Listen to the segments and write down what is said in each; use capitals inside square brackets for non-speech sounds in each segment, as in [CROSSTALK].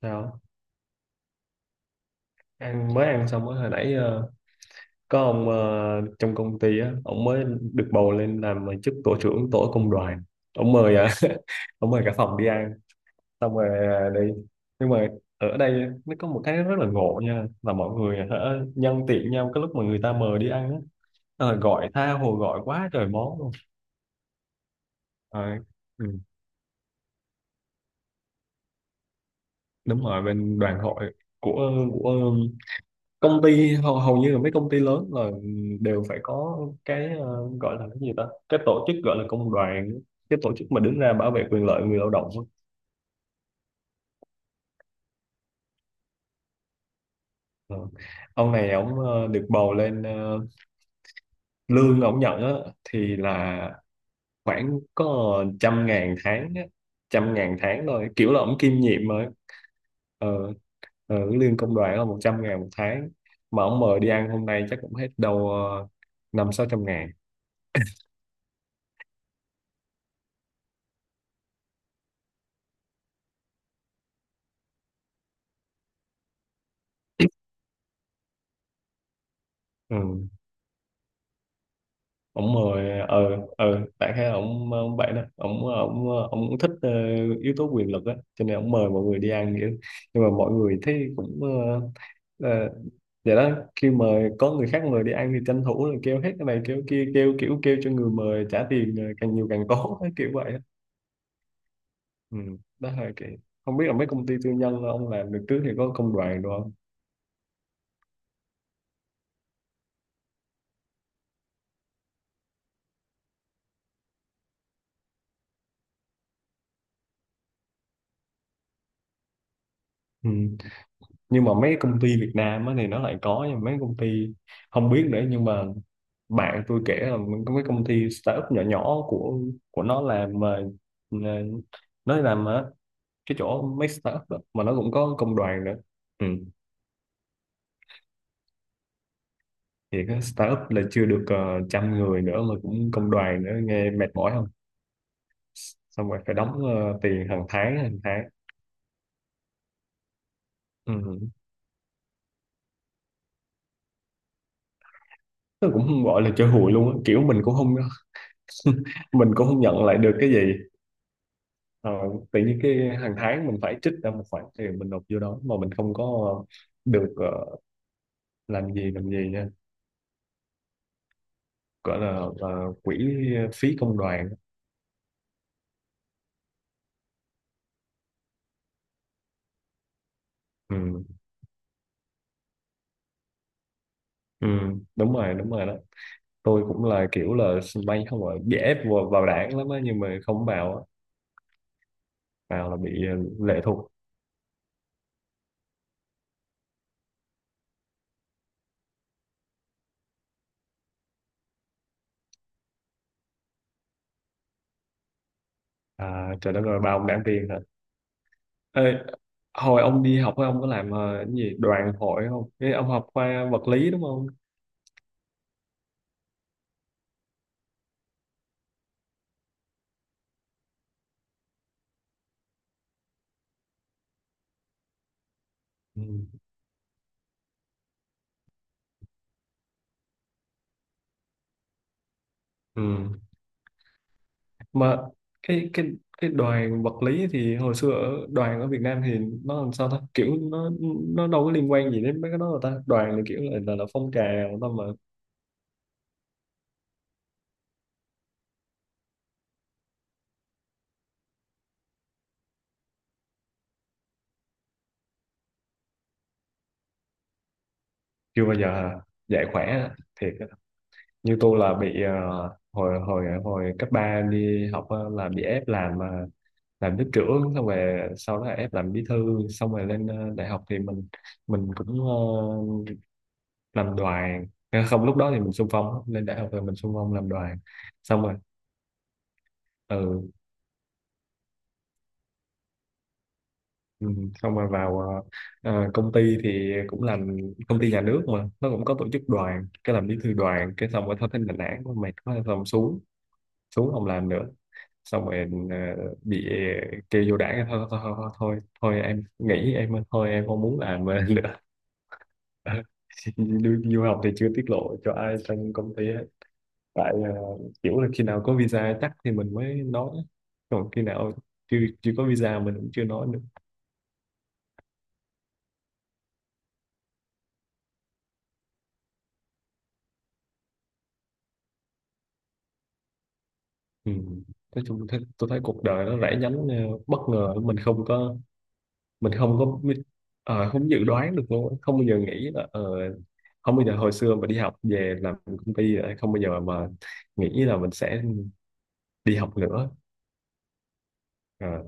Sao, mới ăn xong mới hồi nãy. Ờ, có ông trong công ty á, ông mới được bầu lên làm chức tổ trưởng tổ công đoàn. Ông mời à, [LAUGHS] ông mời cả phòng đi ăn xong rồi à, đi. Nhưng mà ở đây nó có một cái rất là ngộ nha, là mọi người hả, nhân tiện nhau cái lúc mà người ta mời đi ăn á, gọi tha hồ, gọi quá trời món luôn. Ờ, ừ, đúng rồi bên đoàn hội của công ty, hầu như là mấy công ty lớn là đều phải có cái gọi là cái gì ta, cái tổ chức gọi là công đoàn, cái tổ chức mà đứng ra bảo vệ quyền lợi người lao động á. Ờ. Ông này ông được bầu lên, lương ông nhận á, thì là khoảng có trăm ngàn tháng á, trăm ngàn tháng thôi, kiểu là ông kiêm nhiệm mà. ờ, lương công đoàn là 100.000 một tháng, mà ông mời đi ăn hôm nay chắc cũng hết đâu năm sáu trăm ngàn. Ừ. Ổng mời đại khái là ổng ổng vậy đó, ổng ổng ổng cũng thích yếu tố quyền lực á, cho nên ổng mời mọi người đi ăn vậy đó. Nhưng mà mọi người thấy cũng ờ, vậy đó, khi mà có người khác mời đi ăn thì tranh thủ là kêu hết cái này kêu kia, kêu kiểu kêu cho người mời trả tiền càng nhiều càng tốt [LAUGHS] kiểu vậy á. Ừ. Đó là cái, không biết là mấy công ty tư nhân ông làm được trước thì có công đoàn được không. Ừ. Nhưng mà mấy công ty Việt Nam á thì nó lại có, nhưng mà mấy công ty không biết nữa, nhưng mà bạn tôi kể là có cái công ty startup nhỏ nhỏ của nó làm mà nó làm ở cái chỗ mấy startup đó, mà nó cũng có công đoàn nữa. Ừ. Thì cái startup là chưa được trăm người nữa mà cũng công đoàn nữa, nghe mệt mỏi không. Xong rồi phải đóng tiền hàng tháng, hàng tháng. Ừ. Nó cũng không gọi là chơi hụi luôn á, kiểu mình cũng không, [LAUGHS] mình cũng không nhận lại được cái gì. Ờ, tự nhiên cái hàng tháng mình phải trích ra một khoản tiền, mình nộp vô đó mà mình không có được làm gì, làm gì nha, gọi là quỹ phí công đoàn. Ừ. ừ đúng rồi, đúng rồi đó. Tôi cũng là kiểu là bay không gọi bị ép vào đảng lắm á, nhưng mà không vào á. Vào là bị lệ thuộc. À, trời đất ơi, bao ông đảng viên hả. Ê, hồi ông đi học ấy, ông có làm cái gì đoàn hội không. Ê, ông học khoa vật lý đúng không. Ừ. Ừ. Mà cái cái đoàn vật lý thì hồi xưa ở đoàn ở Việt Nam thì nó làm sao ta, kiểu nó đâu có liên quan gì đến mấy cái đó đâu ta, đoàn là kiểu là phong trào đó mà. Chưa bao giờ dạy khỏe á, thiệt á. Như tôi là bị hồi hồi hồi cấp 3 đi học á, là bị ép làm làm lớp trưởng, xong rồi sau đó là ép làm bí thư, xong rồi lên đại học thì mình cũng làm đoàn. Không, lúc đó thì mình xung phong, lên đại học rồi mình xung phong làm đoàn, xong rồi. Ừ. Ừ, xong rồi vào công ty thì cũng làm công ty nhà nước mà nó cũng có tổ chức đoàn, cái làm bí thư đoàn cái xong rồi thôi, thấy nản nản quá, mệt quá, xong xuống, xuống không làm nữa. Xong rồi bị kêu vô đảng, thôi thôi, thôi thôi, thôi thôi em nghỉ, em thôi, em không muốn làm nữa. [LAUGHS] Thì du du học thì chưa tiết lộ cho ai trong công ty hết. Tại kiểu là khi nào có visa chắc thì mình mới nói, còn khi nào chưa, chưa có visa mình cũng chưa nói nữa. Ừ. Nói chung thế, tôi thấy cuộc đời nó rẽ nhánh bất ngờ, mình không có, mình không có biết- không dự đoán được luôn á. Không bao giờ nghĩ là không bao giờ hồi xưa mà đi học về làm công ty, không bao giờ mà nghĩ là mình sẽ đi học nữa. Ờ,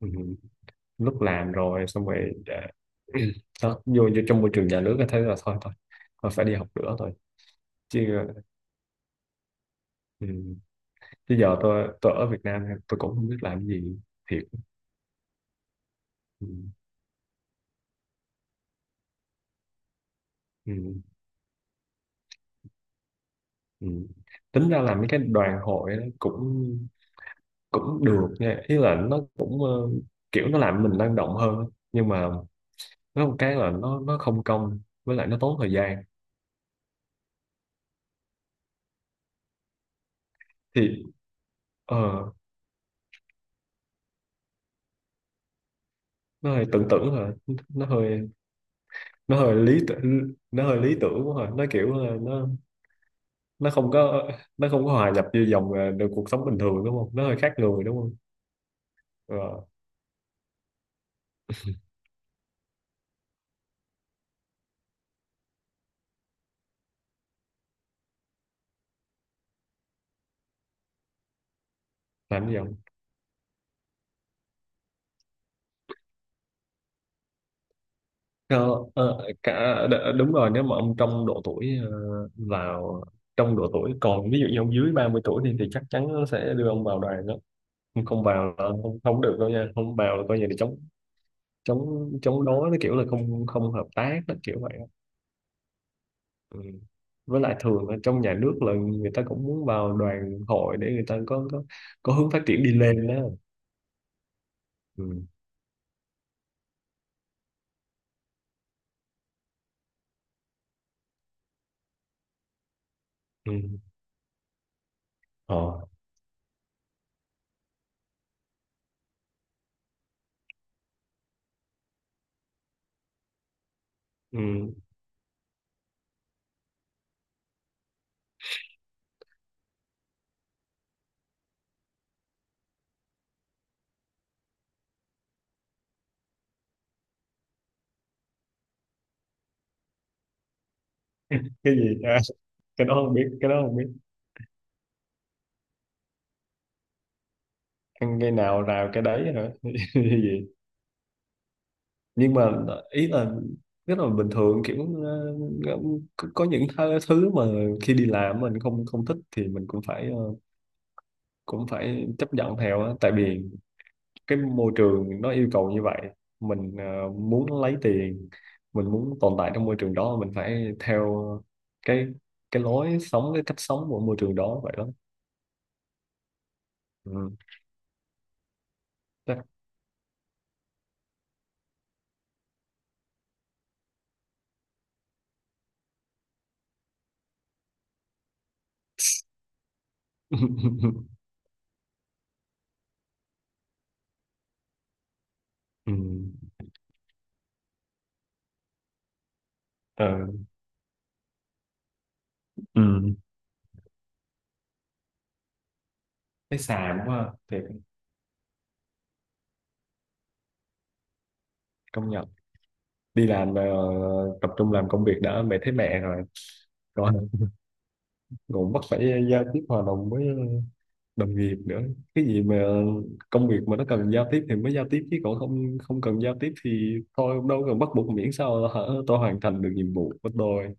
ừ. Lúc làm rồi xong rồi đó, vô trong môi trường nhà nước là thấy là thôi thôi, tôi phải đi học nữa thôi, chứ ờ. Ừ. Chứ giờ tôi ở Việt Nam tôi cũng không biết làm gì, thiệt. Ừ. Ừ. Ừ. Tính ra là mấy cái đoàn hội nó cũng cũng được nha, ý là nó cũng kiểu nó làm mình năng động hơn, nhưng mà nó một cái là nó không công, với lại nó tốn thời gian. Thì ờ, nó hơi tưởng tượng rồi, nó hơi, nó hơi lý tưởng, nó hơi lý tưởng quá rồi, nó kiểu là nó không có, nó không có hòa nhập vô dòng được cuộc sống bình thường đúng không, nó hơi khác người đúng không. Ờ, làm gì. Ờ, cả đ- đúng rồi, nếu mà ông trong độ tuổi vào, trong độ tuổi còn, ví dụ như ông dưới 30 tuổi thì chắc chắn nó sẽ đưa ông vào đoàn đó. Không không vào là không không được đâu nha, không vào là coi như là chống, chống đối, nó kiểu là không không hợp tác đó, kiểu vậy á. Ừ. Với lại thường ở trong nhà nước là người ta cũng muốn vào đoàn hội để người ta có hướng phát triển đi lên đó. Ừ. Ừ. Ờ. Ừ. Cái gì à, [LAUGHS] cái đó không biết, cái đó không biết. Ăn cái nào rào cái đấy hả. [LAUGHS] Như vậy. Nhưng mà ý là rất là bình thường, kiểu ờ, ờ, có những thứ mà khi đi làm mình không không thích thì mình cũng phải cũng phải chấp nhận theo á, tại vì cái môi trường nó yêu cầu như vậy. Mình muốn lấy tiền, mình muốn tồn tại trong môi trường đó, mình phải theo cái cái lối sống, cái cách sống của môi trường đó vậy đó. Ừ. Chắc- [LAUGHS] ừ. Ờ. Ừ. Thấy xàm quá ha. Thiệt. Công nhận. Đi làm tập trung làm công việc đã mẹ thấy mẹ rồi. Còn cũng bắt phải giao tiếp hòa đồng với đồng nghiệp nữa, cái gì mà công việc mà nó cần giao tiếp thì mới giao tiếp, chứ còn không, không cần giao tiếp thì thôi, đâu cần bắt buộc, miễn sao hả, tôi hoàn thành được nhiệm vụ của tôi.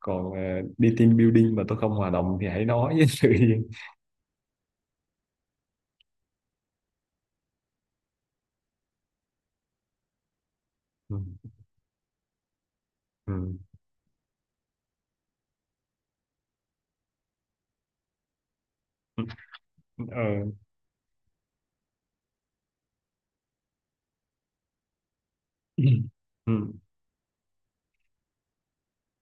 Còn à, đi team building mà tôi không hòa đồng thì hãy nói với sự yên. Ừ. Ừ. Ờ. Ừ. [CLEARS THROAT]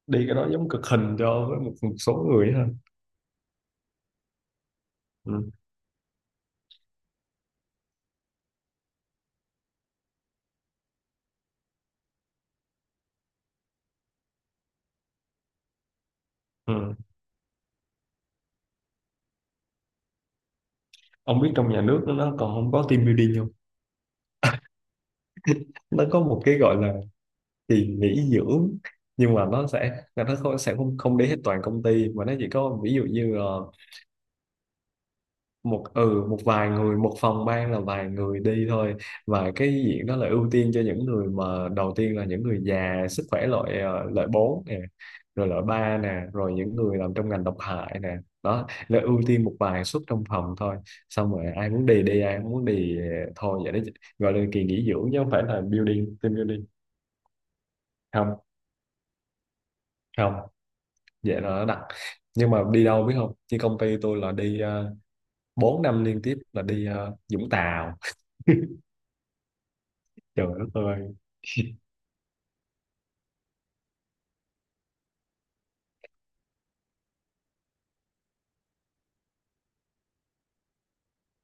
Đi cái đó giống cực hình cho với một số người ha. Ừ. Ừ. Ông biết trong nhà nước nó còn không có team building không. Nó có một cái gọi là kỳ nghỉ dưỡng, nhưng mà nó sẽ là nó không, sẽ không không đến hết toàn công ty, mà nó chỉ có ví dụ như một, ừ một vài người, một phòng ban là vài người đi thôi. Và cái diện đó là ưu tiên cho những người mà đầu tiên là những người già sức khỏe loại loại 4 nè, rồi loại 3 nè, rồi những người làm trong ngành độc hại nè. Đó là ưu tiên một vài suất trong phòng thôi, xong rồi ai muốn đi đi, ai không muốn đi thôi vậy đó. Gọi là kỳ nghỉ dưỡng chứ không phải là building, team building. Không không. Vậy là nó đặc, nhưng mà đi đâu biết không, như công ty tôi là đi 4 năm liên tiếp là đi Vũng Tàu. Trời đất ơi.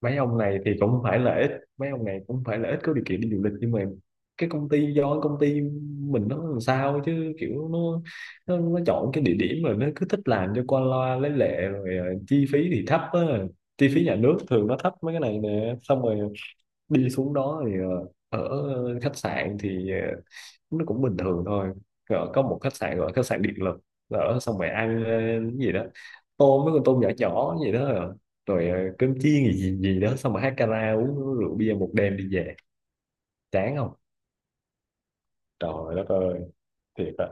Mấy ông này thì cũng không phải là ít, mấy ông này cũng không phải là ít có điều kiện đi du lịch, nhưng mà cái công ty, do cái công ty mình nó làm sao chứ, kiểu nó chọn cái địa điểm rồi nó cứ thích làm cho qua loa lấy lệ, rồi chi phí thì thấp á, chi phí nhà nước thường nó thấp mấy cái này nè. Xong rồi đi xuống đó thì ở khách sạn thì nó cũng bình thường thôi. Rồi có một khách sạn gọi là khách sạn điện lực, ở, xong rồi ăn cái gì đó, tôm, mấy con tôm nhỏ nhỏ gì đó rồi, rồi cơm chiên gì gì gì đó, xong rồi hát karaoke uống rượu bia một đêm đi về. Chán không. Trời đất ơi. Thiệt á.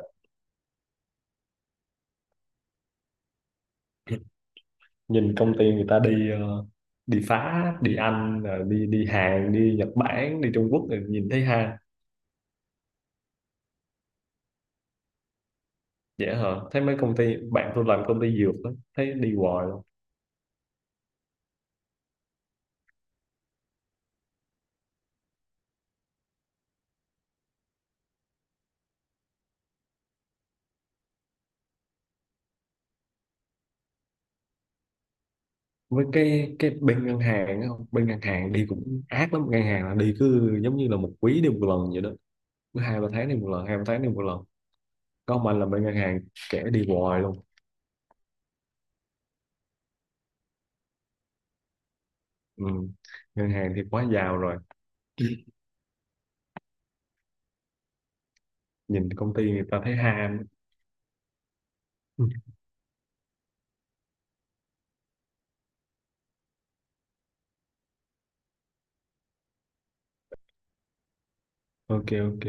Nhìn công ty người ta đi đi phá, đi Anh, rồi đi đi Hàn, đi Nhật Bản, đi Trung Quốc rồi nhìn thấy ha. Dễ hả, thấy mấy công ty, bạn tôi làm công ty dược đó, thấy đi hoài luôn. Với cái bên ngân hàng á, không, bên ngân hàng đi cũng ác lắm, ngân hàng là đi cứ giống như là một quý đi một lần vậy đó, cứ hai ba tháng đi một lần, hai ba tháng đi một lần. Có ông anh là bên ngân hàng, kẻ đi hoài luôn. Ừ. Ngân hàng thì quá giàu rồi. Nhìn công ty người ta thấy ham. [LAUGHS] Ok, ok.